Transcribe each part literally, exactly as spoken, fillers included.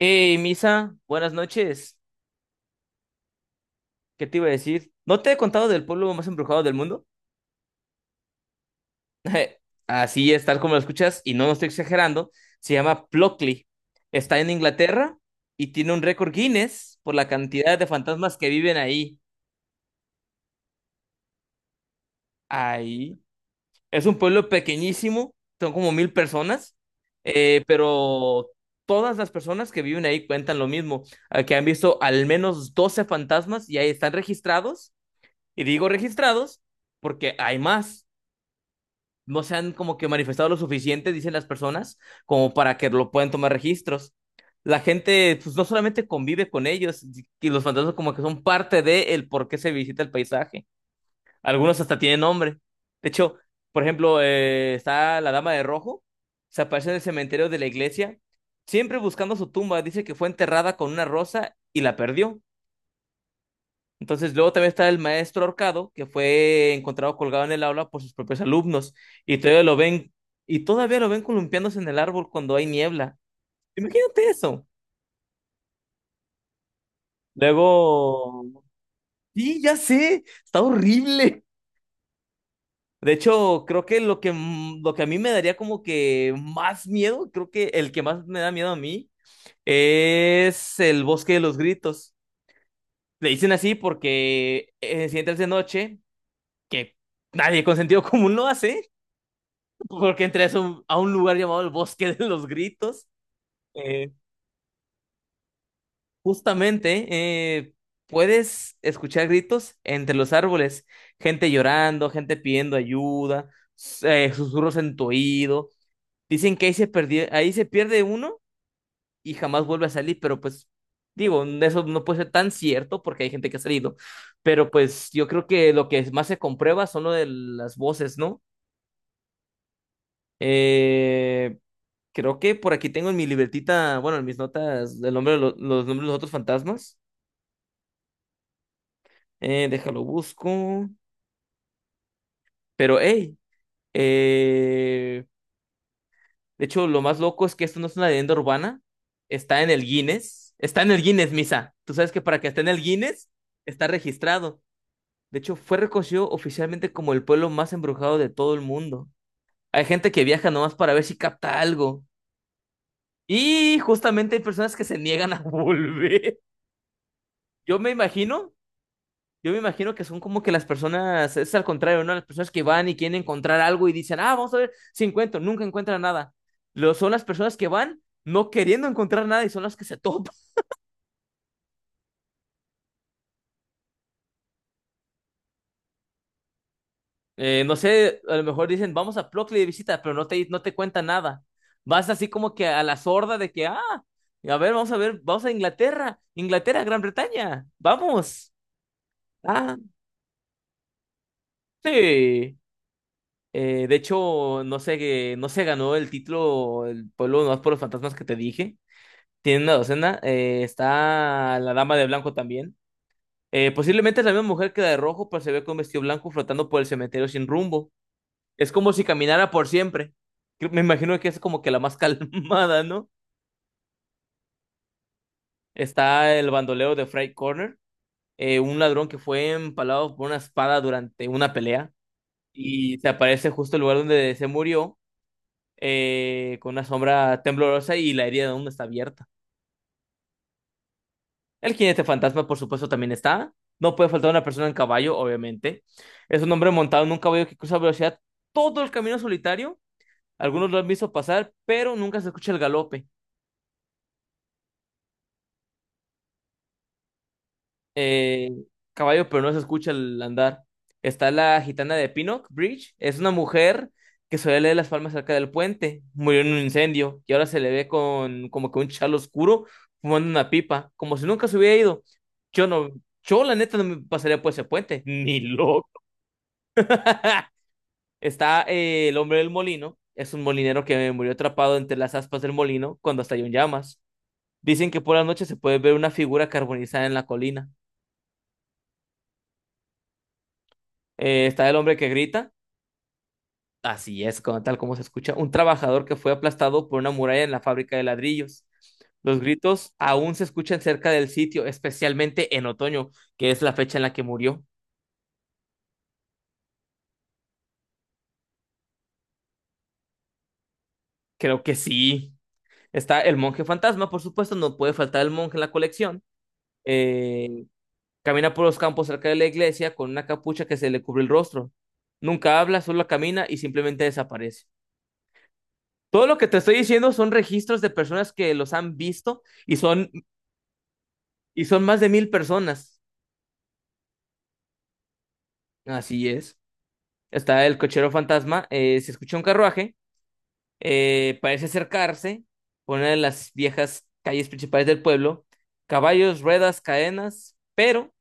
Hey, Misa, buenas noches. ¿Qué te iba a decir? ¿No te he contado del pueblo más embrujado del mundo? Así es, tal como lo escuchas, y no lo estoy exagerando. Se llama Plockley. Está en Inglaterra y tiene un récord Guinness por la cantidad de fantasmas que viven ahí. Ahí. Es un pueblo pequeñísimo, son como mil personas, eh, pero todas las personas que viven ahí cuentan lo mismo, eh, que han visto al menos doce fantasmas y ahí están registrados. Y digo registrados porque hay más. No se han como que manifestado lo suficiente, dicen las personas, como para que lo puedan tomar registros. La gente, pues no solamente convive con ellos, y los fantasmas como que son parte de el por qué se visita el paisaje. Algunos hasta tienen nombre. De hecho, por ejemplo, eh, está la Dama de Rojo, se aparece en el cementerio de la iglesia, siempre buscando su tumba. Dice que fue enterrada con una rosa y la perdió. Entonces, luego también está el maestro ahorcado, que fue encontrado colgado en el aula por sus propios alumnos, y todavía lo ven, y todavía lo ven columpiándose en el árbol cuando hay niebla. Imagínate eso. Luego, sí, ya sé, está horrible. De hecho, creo que lo que, m- lo que a mí me daría como que más miedo, creo que el que más me da miedo a mí, es el bosque de los gritos. Le dicen así porque eh, si entras de noche, que nadie con sentido común lo hace porque entré a un, a un lugar llamado el Bosque de los Gritos. Eh, justamente eh, puedes escuchar gritos entre los árboles, gente llorando, gente pidiendo ayuda, s- eh, susurros en tu oído. Dicen que ahí se perdió, ahí se pierde uno y jamás vuelve a salir, pero pues digo, eso no puede ser tan cierto porque hay gente que ha salido, pero pues yo creo que lo que más se comprueba son lo de las voces, ¿no? Eh, creo que por aquí tengo en mi libretita, bueno, en mis notas, el nombre de lo- los nombres de los otros fantasmas. Eh, déjalo busco. Pero, hey, eh, de hecho, lo más loco es que esto no es una leyenda urbana. Está en el Guinness. Está en el Guinness, Misa. Tú sabes que para que esté en el Guinness, está registrado. De hecho, fue reconocido oficialmente como el pueblo más embrujado de todo el mundo. Hay gente que viaja nomás para ver si capta algo. Y justamente hay personas que se niegan a volver. Yo me imagino. Yo me imagino que son como que las personas, es al contrario, ¿no? Las personas que van y quieren encontrar algo y dicen, ah, vamos a ver si encuentro, nunca encuentran nada. Lo, son las personas que van no queriendo encontrar nada y son las que se topan. Eh, no sé, a lo mejor dicen, vamos a Plockley de visita, pero no te, no te cuentan nada. Vas así como que a la sorda de que, ah, a ver, vamos a ver, vamos a Inglaterra, Inglaterra, Gran Bretaña, vamos. Ah, sí. Eh, de hecho, no sé, no se ganó el título el pueblo no por los fantasmas que te dije. Tiene una docena. Eh, está la dama de blanco también. Eh, posiblemente es la misma mujer que la de rojo, pero se ve con vestido blanco flotando por el cementerio sin rumbo. Es como si caminara por siempre. Creo- Me imagino que es como que la más calmada, ¿no? Está el bandolero de Freight Corner, eh, un ladrón que fue empalado por una espada durante una pelea y se aparece justo el lugar donde se murió, eh, con una sombra temblorosa y la herida aún está abierta. El jinete fantasma, por supuesto, también está. No puede faltar una persona en caballo, obviamente. Es un hombre montado en un caballo que cruza a velocidad todo el camino solitario. Algunos lo han visto pasar, pero nunca se escucha el galope. Eh, caballo, pero no se escucha el andar. Está la gitana de Pinock Bridge. Es una mujer que suele leer las palmas cerca del puente. Murió en un incendio y ahora se le ve con como que un chal oscuro fumando una pipa, como si nunca se hubiera ido. Yo no, yo la neta no me pasaría por ese puente, ni loco. Está eh, el hombre del molino, es un molinero que murió atrapado entre las aspas del molino cuando estalló en llamas. Dicen que por la noche se puede ver una figura carbonizada en la colina. Eh, está el hombre que grita, así es, como- tal como se escucha, un trabajador que fue aplastado por una muralla en la fábrica de ladrillos. Los gritos aún se escuchan cerca del sitio, especialmente en otoño, que es la fecha en la que murió. Creo que sí. Está el monje fantasma, por supuesto, no puede faltar el monje en la colección. Eh, Camina por los campos cerca de la iglesia con una capucha que se le cubre el rostro. Nunca habla, solo camina y simplemente desaparece. Todo lo que te estoy diciendo son registros de personas que los han visto y son, y son más de mil personas. Así es. Está el cochero fantasma, eh, se escucha un carruaje, eh, parece acercarse por una de las viejas calles principales del pueblo. Caballos, ruedas, cadenas, pero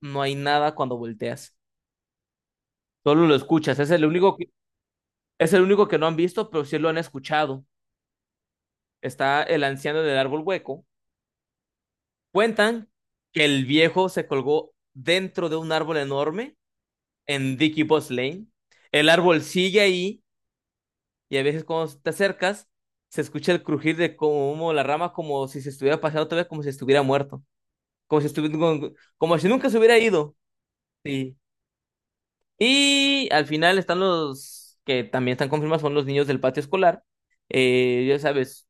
no hay nada cuando volteas. Solo lo escuchas. Es el único. Es el único que no han visto, pero sí lo han escuchado. Está el anciano en el árbol hueco. Cuentan que el viejo se colgó dentro de un árbol enorme en Dicky Boss Lane. El árbol sigue ahí y a veces cuando te acercas se escucha el crujir de como la rama como si se estuviera pasando otra vez, como si estuviera muerto, como si estuviera, como como si nunca se hubiera ido. Sí. Y al final están los que también están confirmados, son los niños del patio escolar. Eh, ya sabes,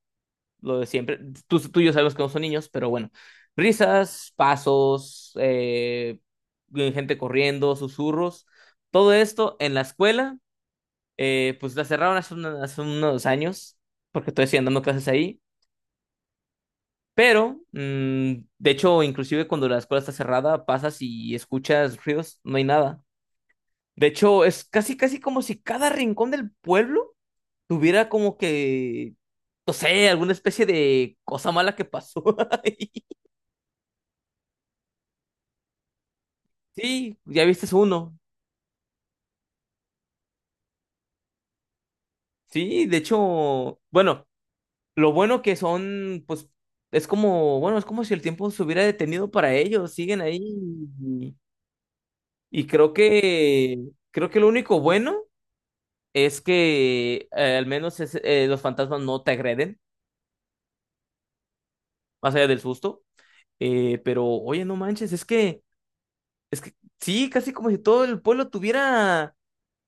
lo de siempre. Tú, tú y yo sabemos que no son niños, pero bueno. Risas, pasos, eh, gente corriendo, susurros. Todo esto en la escuela, eh, pues la cerraron hace, una- hace unos años, porque estoy estoy dando clases ahí. Pero, mm, de hecho, inclusive cuando la escuela está cerrada, pasas y escuchas ruidos, no hay nada. De hecho, es casi, casi como si cada rincón del pueblo tuviera como que, no sé, alguna especie de cosa mala que pasó ahí. Sí, ya viste uno. Sí, de hecho, bueno, lo bueno que son, pues, es como, bueno, es como si el tiempo se hubiera detenido para ellos, siguen ahí. Y, y creo que, creo que lo único bueno es que eh, al menos es- eh, los fantasmas no te agreden, más allá del susto. Eh, pero, oye, no manches, es que, es que, sí, casi como si todo el pueblo tuviera,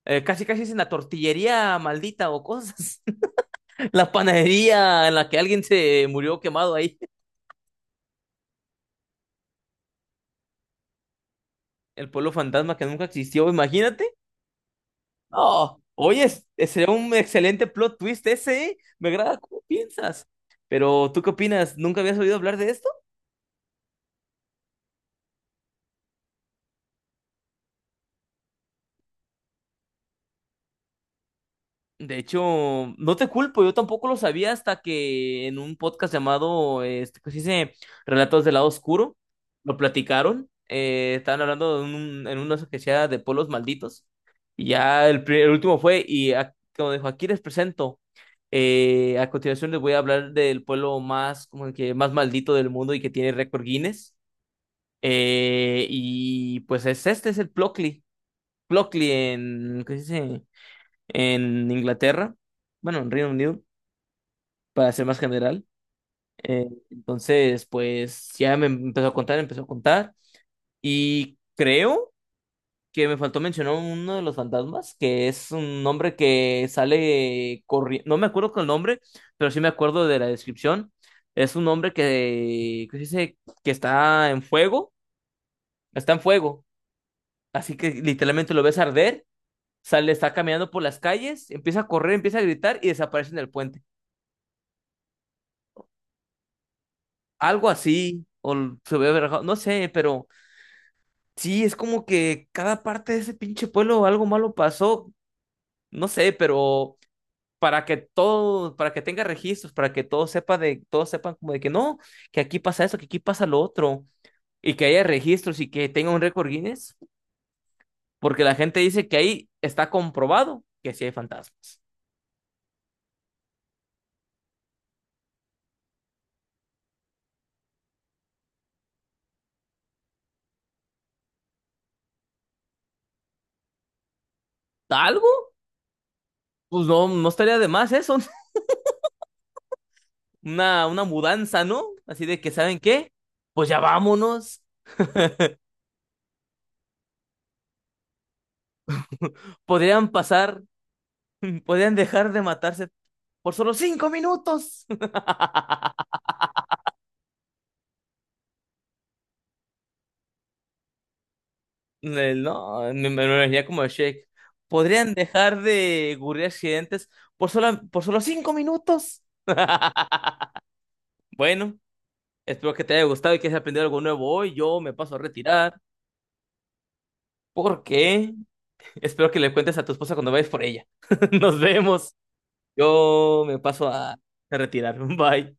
eh, casi casi es en la tortillería maldita o cosas. La panadería en la que alguien se murió quemado ahí, el pueblo fantasma que nunca existió, imagínate. No, oye, es- sería un excelente plot twist ese, ¿eh? Me agrada cómo piensas. Pero, ¿tú qué opinas? ¿Nunca habías oído hablar de esto? De hecho, no te culpo, yo tampoco lo sabía hasta que en un podcast llamado, este, ¿cómo se dice? Relatos del lado oscuro, lo platicaron. Eh, estaban hablando de un, en una que sea de pueblos malditos. Y ya el, pri- el último fue, y a- como dijo, aquí les presento. Eh, a continuación les voy a hablar del pueblo más, como que más maldito del mundo y que tiene récord Guinness. Eh, y pues es este, es el Plocli. Plocli en, ¿qué se dice? En Inglaterra, bueno, en Reino Unido, para ser más general. Eh, entonces, pues ya me empezó a contar, empezó a contar. Y creo que me faltó mencionar uno de los fantasmas, que es un hombre que sale corriendo, no me acuerdo con el nombre, pero sí me acuerdo de la descripción. Es un hombre que, que dice que está en fuego, está en fuego, así que literalmente lo ves arder, sale, está caminando por las calles, empieza a correr, empieza a gritar y desaparece en el puente. Algo así, o l- se hubiera rajado, no sé, pero sí, es como que cada parte de ese pinche pueblo algo malo pasó, no sé, pero para que todo, para que tenga registros, para que todo sepa de, todos sepan como de que no, que aquí pasa eso, que aquí pasa lo otro, y que haya registros y que tenga un récord Guinness, porque la gente dice que ahí está comprobado que sí hay fantasmas. ¿Algo? Pues no, no estaría de más eso, una, una mudanza, ¿no? Así de que, ¿saben qué? Pues ya vámonos. Podrían pasar, podrían dejar de matarse por solo cinco minutos. Eh, no, me me lo imaginé como el Shake. Podrían dejar de ocurrir accidentes por solo, por solo cinco minutos. Bueno, espero que te haya gustado y que hayas aprendido algo nuevo hoy. Yo me paso a retirar. ¿Por qué? Espero que le cuentes a tu esposa cuando vayas por ella. Nos vemos. Yo me paso a a retirar. Bye.